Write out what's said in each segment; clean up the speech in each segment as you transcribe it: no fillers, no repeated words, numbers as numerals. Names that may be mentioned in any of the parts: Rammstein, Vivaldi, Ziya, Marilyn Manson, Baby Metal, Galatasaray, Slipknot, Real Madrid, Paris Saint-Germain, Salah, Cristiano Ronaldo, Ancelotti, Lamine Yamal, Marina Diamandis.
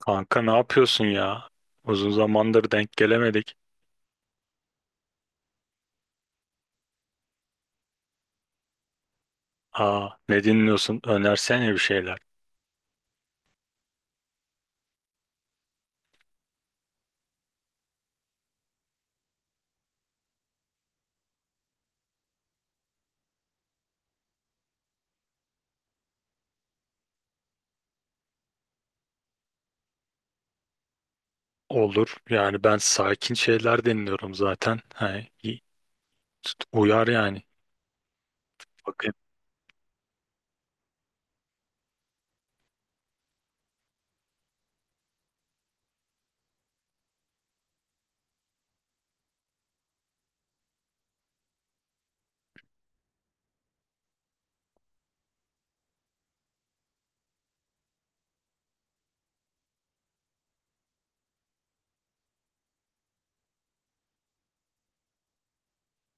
Kanka ne yapıyorsun ya? Uzun zamandır denk gelemedik. Ne dinliyorsun? Önersene bir şeyler. Olur. Yani ben sakin şeyler dinliyorum zaten. He, iyi. Uyar yani. Bakayım.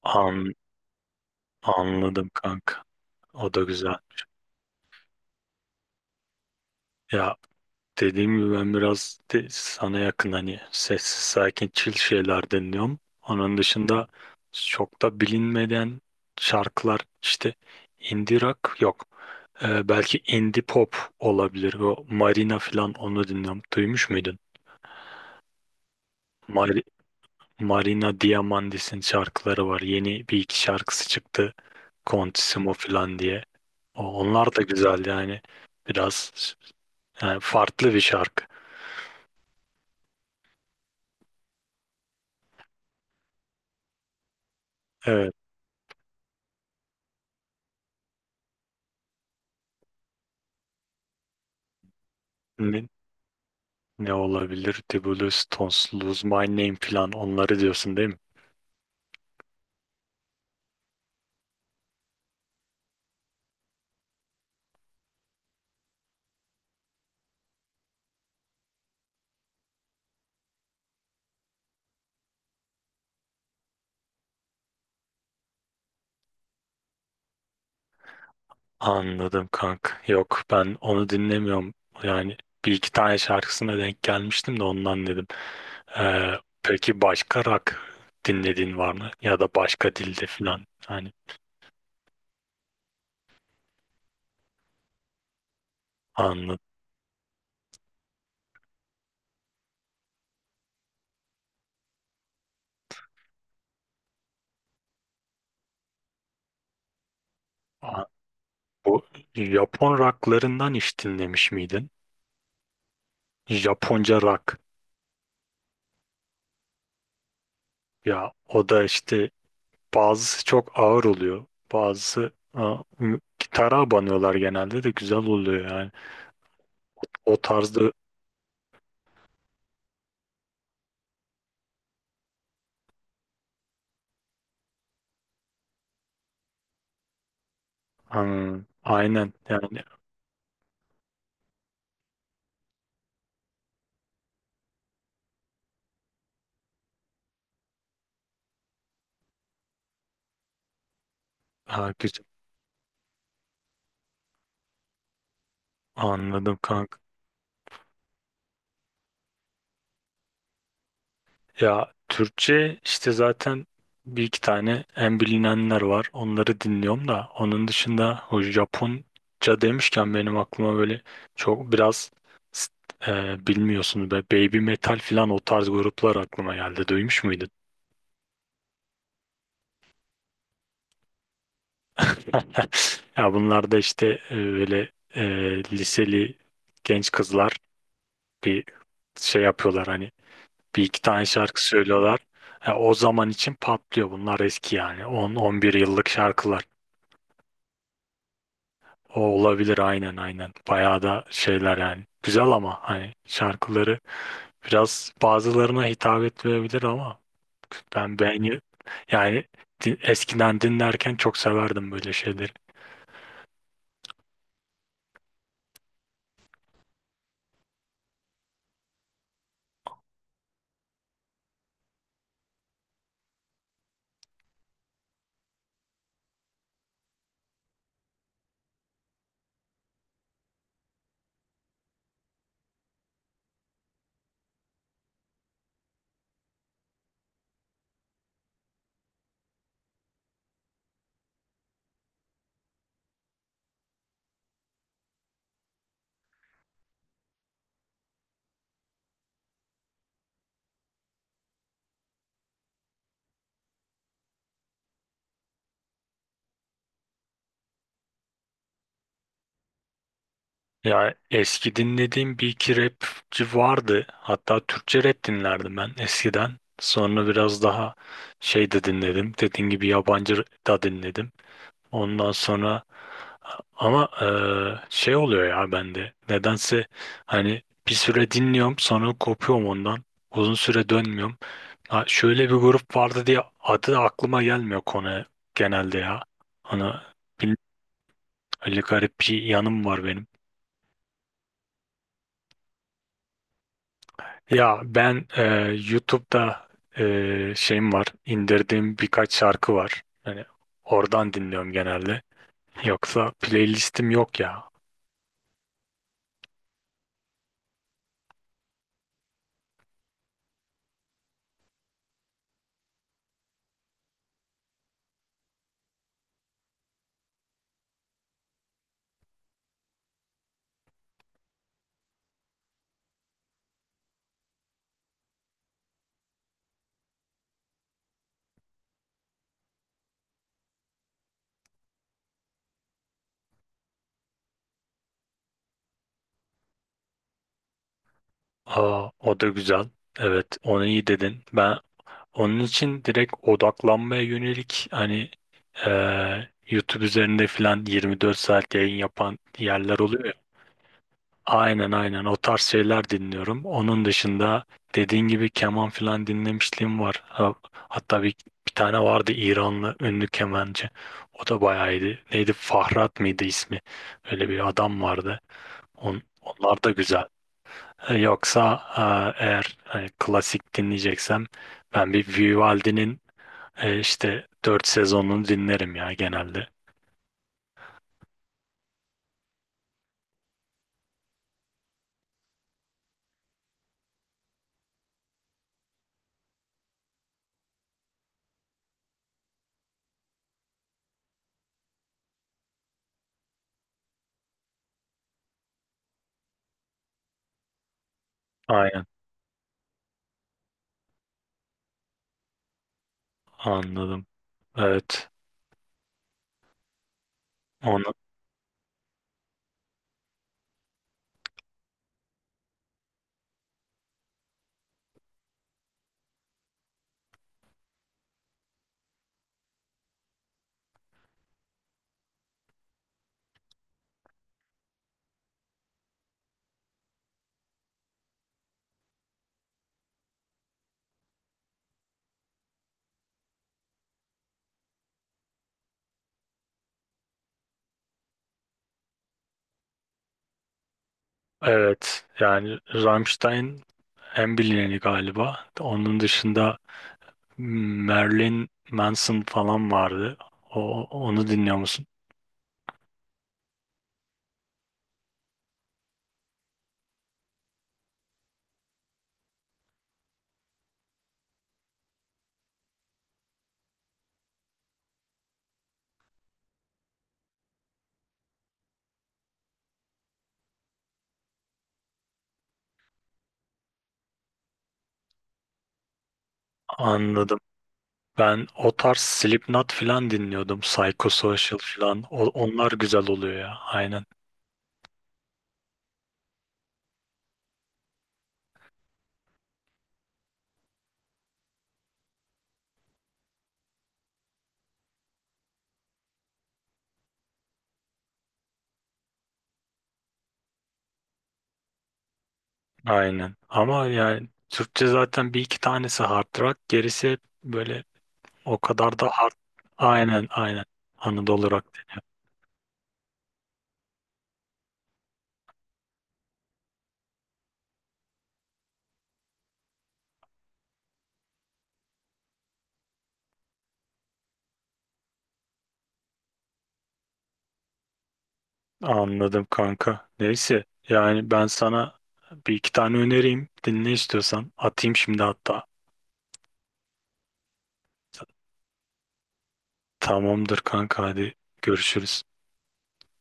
An, anladım kanka. O da güzel. Ya dediğim gibi ben biraz de sana yakın hani sessiz sakin chill şeyler dinliyorum. Onun dışında çok da bilinmeden şarkılar işte indie rock yok. Belki indie pop olabilir. O Marina falan onu dinliyorum. Duymuş muydun? Mari- Marina Diamandis'in şarkıları var. Yeni bir iki şarkısı çıktı. Contissimo falan diye. Onlar da güzel yani. Biraz yani farklı bir şarkı. Evet. Ne, ne olabilir? Dibulus, Stones, Lose My Name falan onları diyorsun değil mi? Anladım kank. Yok ben onu dinlemiyorum. Yani bir iki tane şarkısına denk gelmiştim de ondan dedim. Ee, peki başka rock dinlediğin var mı? Ya da başka dilde falan. Hani anladım. Aa, Bu Japon rocklarından hiç dinlemiş miydin? Japonca rock. Ya o da işte bazısı çok ağır oluyor. Bazısı gitara banıyorlar genelde de güzel oluyor yani. O tarzda hmm, aynen yani ha, güzel. Anladım kanka. Ya Türkçe işte zaten bir iki tane en bilinenler var. Onları dinliyorum da onun dışında o Japonca demişken benim aklıma böyle çok biraz s- bilmiyorsunuz be Baby Metal falan o tarz gruplar aklıma geldi. Duymuş muydun? Ya bunlar da işte böyle e, liseli genç kızlar bir şey yapıyorlar hani bir iki tane şarkı söylüyorlar. E, o zaman için patlıyor bunlar eski yani 10-11 yıllık şarkılar. O olabilir aynen aynen. Bayağı da şeyler yani. Güzel ama hani şarkıları biraz bazılarına hitap etmeyebilir ama ben beğeni yani eskiden dinlerken çok severdim böyle şeyleri. Ya eski dinlediğim bir iki rapçi vardı. Hatta Türkçe rap dinlerdim ben eskiden. Sonra biraz daha şey de dinledim. Dediğim gibi yabancı da dinledim. Ondan sonra ama şey oluyor ya bende. Nedense hani bir süre dinliyorum sonra kopuyorum ondan. Uzun süre dönmüyorum. Ha, şöyle bir grup vardı diye adı aklıma gelmiyor konu genelde ya. Ana bil- öyle garip bir yanım var benim. Ya ben YouTube'da şeyim var, indirdiğim birkaç şarkı var. Hani oradan dinliyorum genelde. Yoksa playlistim yok ya. Aa, o da güzel. Evet, onu iyi dedin. Ben onun için direkt odaklanmaya yönelik hani e, YouTube üzerinde filan 24 saat yayın yapan yerler oluyor ya. Aynen aynen o tarz şeyler dinliyorum. Onun dışında dediğin gibi keman filan dinlemişliğim var. Hatta bir tane vardı İranlı ünlü kemancı. O da bayağı iyiydi. Neydi Fahrat mıydı ismi? Öyle bir adam vardı. Onlar da güzel. E, yoksa eğer klasik dinleyeceksem ben bir Vivaldi'nin işte dört sezonunu dinlerim ya genelde. Aynen anladım. Evet. Onu, evet yani Rammstein en bilineni galiba. Onun dışında hmm, Marilyn Manson falan vardı. Onu dinliyor musun? Anladım. Ben o tarz Slipknot falan dinliyordum. Psychosocial falan. Onlar güzel oluyor ya. Aynen. Aynen. Ama yani Türkçe zaten bir iki tanesi hard rock. Gerisi hep böyle o kadar da hard. Aynen aynen. Anadolu rock. Anladım kanka. Neyse yani ben sana bir iki tane önereyim. Dinle istiyorsan. Atayım şimdi hatta. Tamamdır kanka hadi görüşürüz.